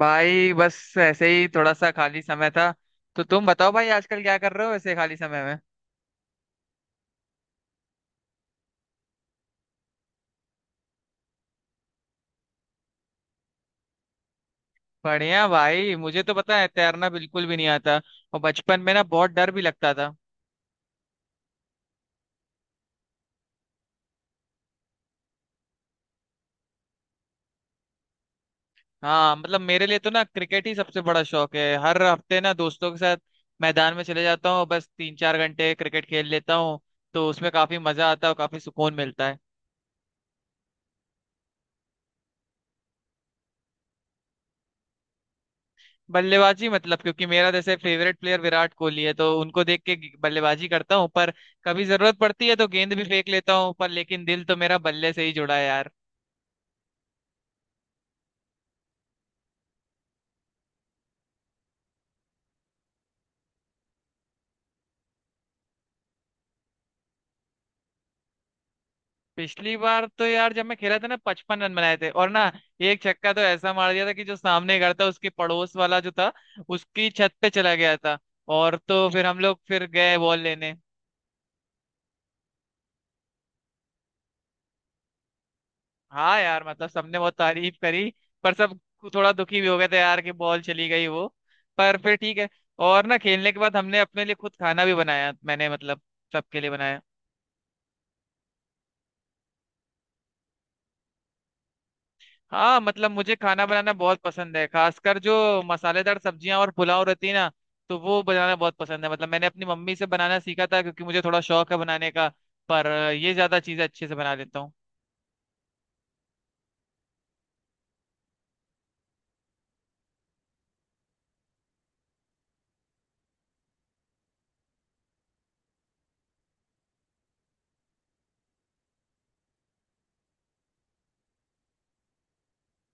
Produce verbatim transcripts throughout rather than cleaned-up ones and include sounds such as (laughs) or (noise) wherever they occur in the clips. भाई बस ऐसे ही थोड़ा सा खाली समय था। तो तुम बताओ भाई आजकल क्या कर रहे हो ऐसे खाली समय में। बढ़िया भाई, मुझे तो पता है तैरना बिल्कुल भी नहीं आता, और बचपन में ना बहुत डर भी लगता था। हाँ मतलब मेरे लिए तो ना क्रिकेट ही सबसे बड़ा शौक है, हर हफ्ते ना दोस्तों के साथ मैदान में चले जाता हूँ, बस तीन चार घंटे क्रिकेट खेल लेता हूँ। तो उसमें काफी मजा आता है और काफी सुकून मिलता है। बल्लेबाजी, मतलब क्योंकि मेरा जैसे फेवरेट प्लेयर विराट कोहली है तो उनको देख के बल्लेबाजी करता हूँ, पर कभी जरूरत पड़ती है तो गेंद भी फेंक लेता हूँ, पर लेकिन दिल तो मेरा बल्ले से ही जुड़ा है यार। पिछली बार तो यार जब मैं खेला था ना पचपन रन बनाए थे, और ना एक छक्का तो ऐसा मार दिया था कि जो सामने घर था उसके पड़ोस वाला जो था उसकी छत पे चला गया था। और तो फिर हम लोग फिर गए बॉल लेने। हाँ यार मतलब सबने बहुत तारीफ करी, पर सब थोड़ा दुखी भी हो गए थे यार कि बॉल चली गई वो, पर फिर ठीक है। और ना खेलने के बाद हमने अपने लिए खुद खाना भी बनाया, मैंने मतलब सबके लिए बनाया। हाँ मतलब मुझे खाना बनाना बहुत पसंद है, खासकर जो मसालेदार सब्जियां और पुलाव रहती है ना, तो वो बनाना बहुत पसंद है। मतलब मैंने अपनी मम्मी से बनाना सीखा था, क्योंकि मुझे थोड़ा शौक है बनाने का, पर ये ज्यादा चीजें अच्छे से बना लेता हूँ।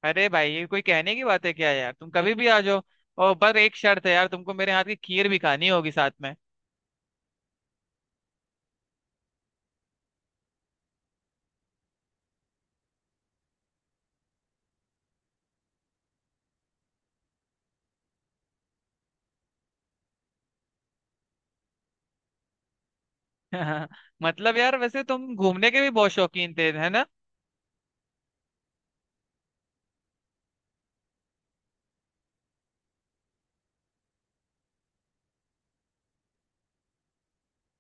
अरे भाई, ये कोई कहने की बात है क्या यार? तुम कभी (laughs) भी आ जाओ। और पर एक शर्त है यार, तुमको मेरे हाथ की खीर भी खानी होगी साथ में। (laughs) मतलब यार वैसे तुम घूमने के भी बहुत शौकीन थे है ना?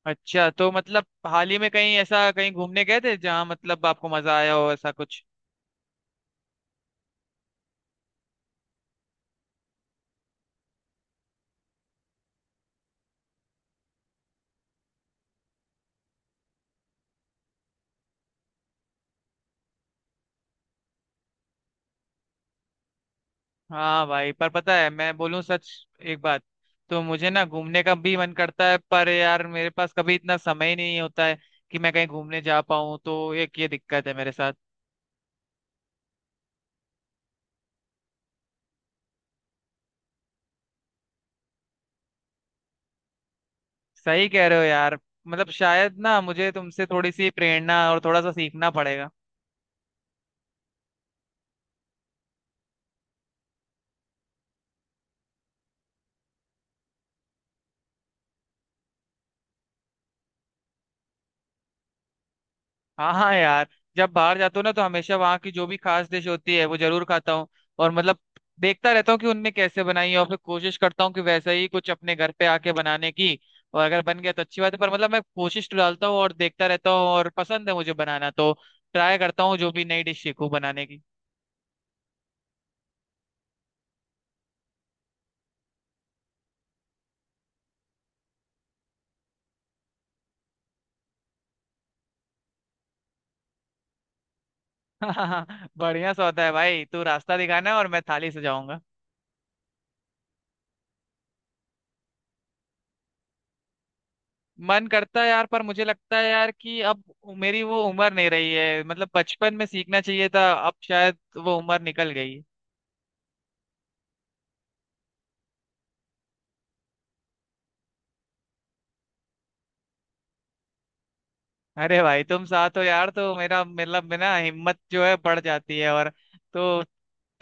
अच्छा, तो मतलब हाल ही में कहीं ऐसा कहीं घूमने गए थे जहाँ मतलब आपको मजा आया हो, ऐसा कुछ? हाँ भाई, पर पता है, मैं बोलूं सच एक बात, तो मुझे ना घूमने का भी मन करता है, पर यार मेरे पास कभी इतना समय ही नहीं होता है कि मैं कहीं घूमने जा पाऊँ, तो एक ये दिक्कत है मेरे साथ। सही कह रहे हो यार। मतलब शायद ना मुझे तुमसे थोड़ी सी प्रेरणा और थोड़ा सा सीखना पड़ेगा। हाँ हाँ यार, जब बाहर जाता हूँ ना तो हमेशा वहाँ की जो भी खास डिश होती है वो जरूर खाता हूँ। और मतलब देखता रहता हूँ कि उनने कैसे बनाई है और फिर कोशिश करता हूँ कि वैसा ही कुछ अपने घर पे आके बनाने की। और अगर बन गया तो अच्छी बात है, पर मतलब मैं कोशिश तो डालता हूँ और देखता रहता हूँ, और पसंद है मुझे बनाना, तो ट्राई करता हूँ जो भी नई डिश सीखूं बनाने की। (laughs) बढ़िया सौदा है भाई, तू रास्ता दिखाना और मैं थाली सजाऊंगा। मन करता है यार, पर मुझे लगता है यार कि अब मेरी वो उम्र नहीं रही है, मतलब बचपन में सीखना चाहिए था, अब शायद वो उम्र निकल गई। अरे भाई तुम साथ हो यार तो मेरा मतलब मेरा ना हिम्मत जो है बढ़ जाती है, और तो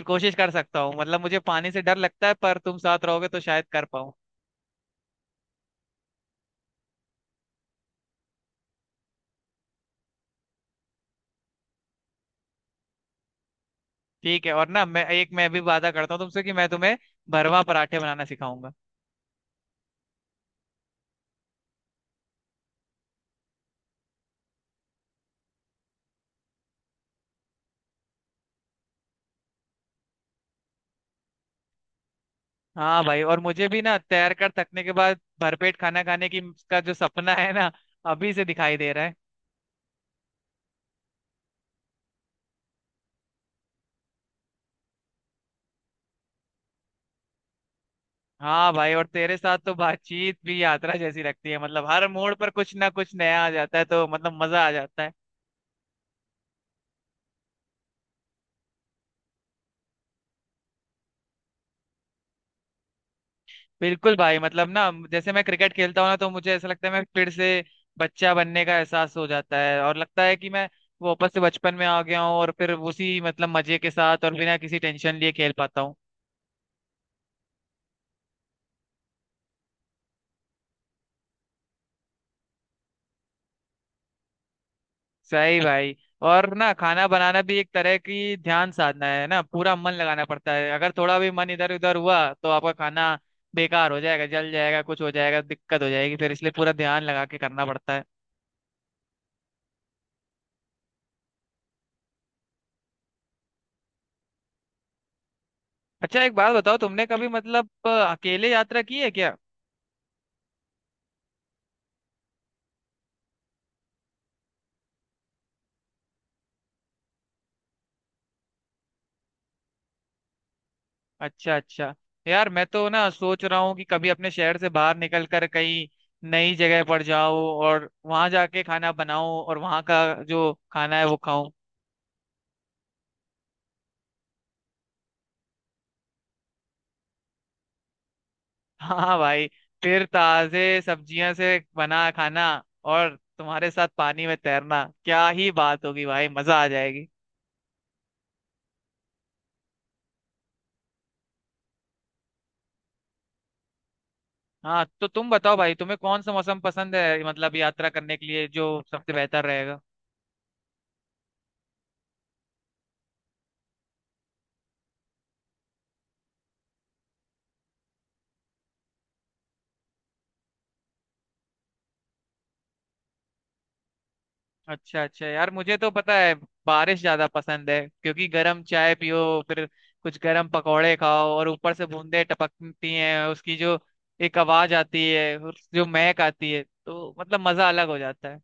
कोशिश कर सकता हूँ। मतलब मुझे पानी से डर लगता है, पर तुम साथ रहोगे तो शायद कर पाऊँ। ठीक है, और ना मैं एक मैं भी वादा करता हूँ तुमसे कि मैं तुम्हें भरवा पराठे बनाना सिखाऊंगा। हाँ भाई, और मुझे भी ना तैर कर थकने के बाद भरपेट खाना खाने की, का जो सपना है ना, अभी से दिखाई दे रहा है। हाँ भाई, और तेरे साथ तो बातचीत भी यात्रा जैसी लगती है, मतलब हर मोड़ पर कुछ ना कुछ नया आ जाता है, तो मतलब मजा आ जाता है। बिल्कुल भाई, मतलब ना जैसे मैं क्रिकेट खेलता हूँ ना तो मुझे ऐसा लगता है मैं फिर से बच्चा बनने का एहसास हो जाता है, और लगता है कि मैं वापस से बचपन में आ गया हूँ, और फिर उसी मतलब मजे के साथ और बिना किसी टेंशन लिए खेल पाता हूँ। सही भाई। और ना खाना बनाना भी एक तरह की ध्यान साधना है ना, पूरा मन लगाना पड़ता है, अगर थोड़ा भी मन इधर उधर हुआ तो आपका खाना बेकार हो जाएगा, जल जाएगा, कुछ हो जाएगा, दिक्कत हो जाएगी फिर, इसलिए पूरा ध्यान लगा के करना पड़ता है। अच्छा एक बात बताओ, तुमने कभी मतलब अ, अकेले यात्रा की है क्या? अच्छा अच्छा यार, मैं तो ना सोच रहा हूँ कि कभी अपने शहर से बाहर निकल कर कहीं नई जगह पर जाऊं, और वहां जाके खाना बनाऊं और वहां का जो खाना है वो खाऊं। हाँ भाई, फिर ताजे सब्जियों से बना खाना और तुम्हारे साथ पानी में तैरना, क्या ही बात होगी भाई, मजा आ जाएगी। हाँ तो तुम बताओ भाई, तुम्हें कौन सा मौसम पसंद है, मतलब यात्रा करने के लिए जो सबसे बेहतर रहेगा? अच्छा अच्छा यार, मुझे तो पता है बारिश ज्यादा पसंद है, क्योंकि गर्म चाय पियो, फिर कुछ गर्म पकौड़े खाओ, और ऊपर से बूंदे टपकती हैं उसकी जो एक आवाज आती है, उस- जो महक आती है, तो मतलब मजा अलग हो जाता है।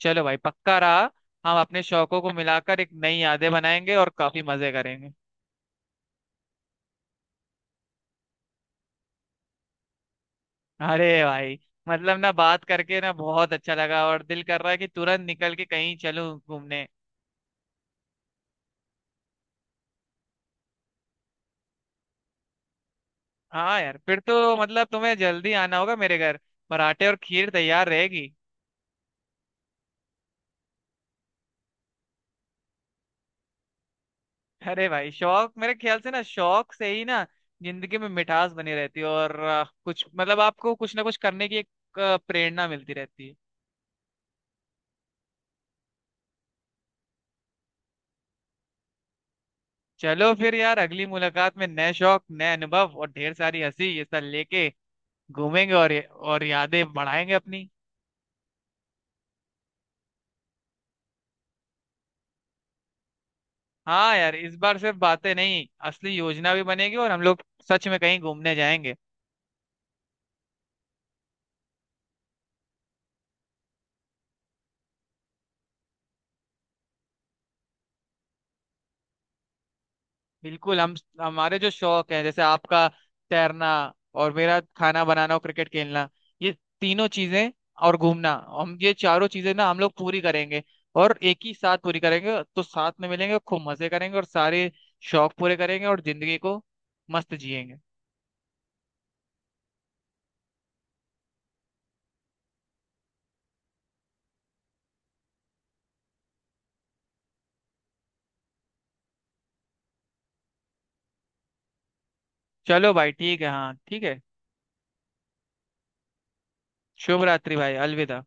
चलो भाई, पक्का रहा, हम अपने शौकों को मिलाकर एक नई यादें बनाएंगे और काफी मजे करेंगे। अरे भाई, मतलब ना बात करके ना बहुत अच्छा लगा, और दिल कर रहा है कि तुरंत निकल के कहीं चलूं घूमने। हाँ यार, फिर तो मतलब तुम्हें जल्दी आना होगा मेरे घर, पराठे और खीर तैयार रहेगी। अरे भाई, शौक मेरे ख्याल से ना, शौक से ही ना जिंदगी में मिठास बनी रहती है, और अ, कुछ मतलब आपको कुछ ना कुछ करने की एक अ, प्रेरणा मिलती रहती है। चलो फिर यार, अगली मुलाकात में नए शौक, नए अनुभव और ढेर सारी हंसी, ये सब लेके घूमेंगे, और और यादें बढ़ाएंगे अपनी। हाँ यार, इस बार सिर्फ बातें नहीं, असली योजना भी बनेगी और हम लोग सच में कहीं घूमने जाएंगे। बिल्कुल। हम हमारे जो शौक है, जैसे आपका तैरना, और मेरा खाना बनाना और क्रिकेट खेलना, ये तीनों चीजें और घूमना, हम ये चारों चीजें ना हम लोग पूरी करेंगे, और एक ही साथ पूरी करेंगे, तो साथ में मिलेंगे, खूब मजे करेंगे और सारे शौक पूरे करेंगे, और जिंदगी को मस्त जिएंगे। चलो भाई ठीक है, हाँ ठीक है। शुभ रात्रि भाई, अलविदा।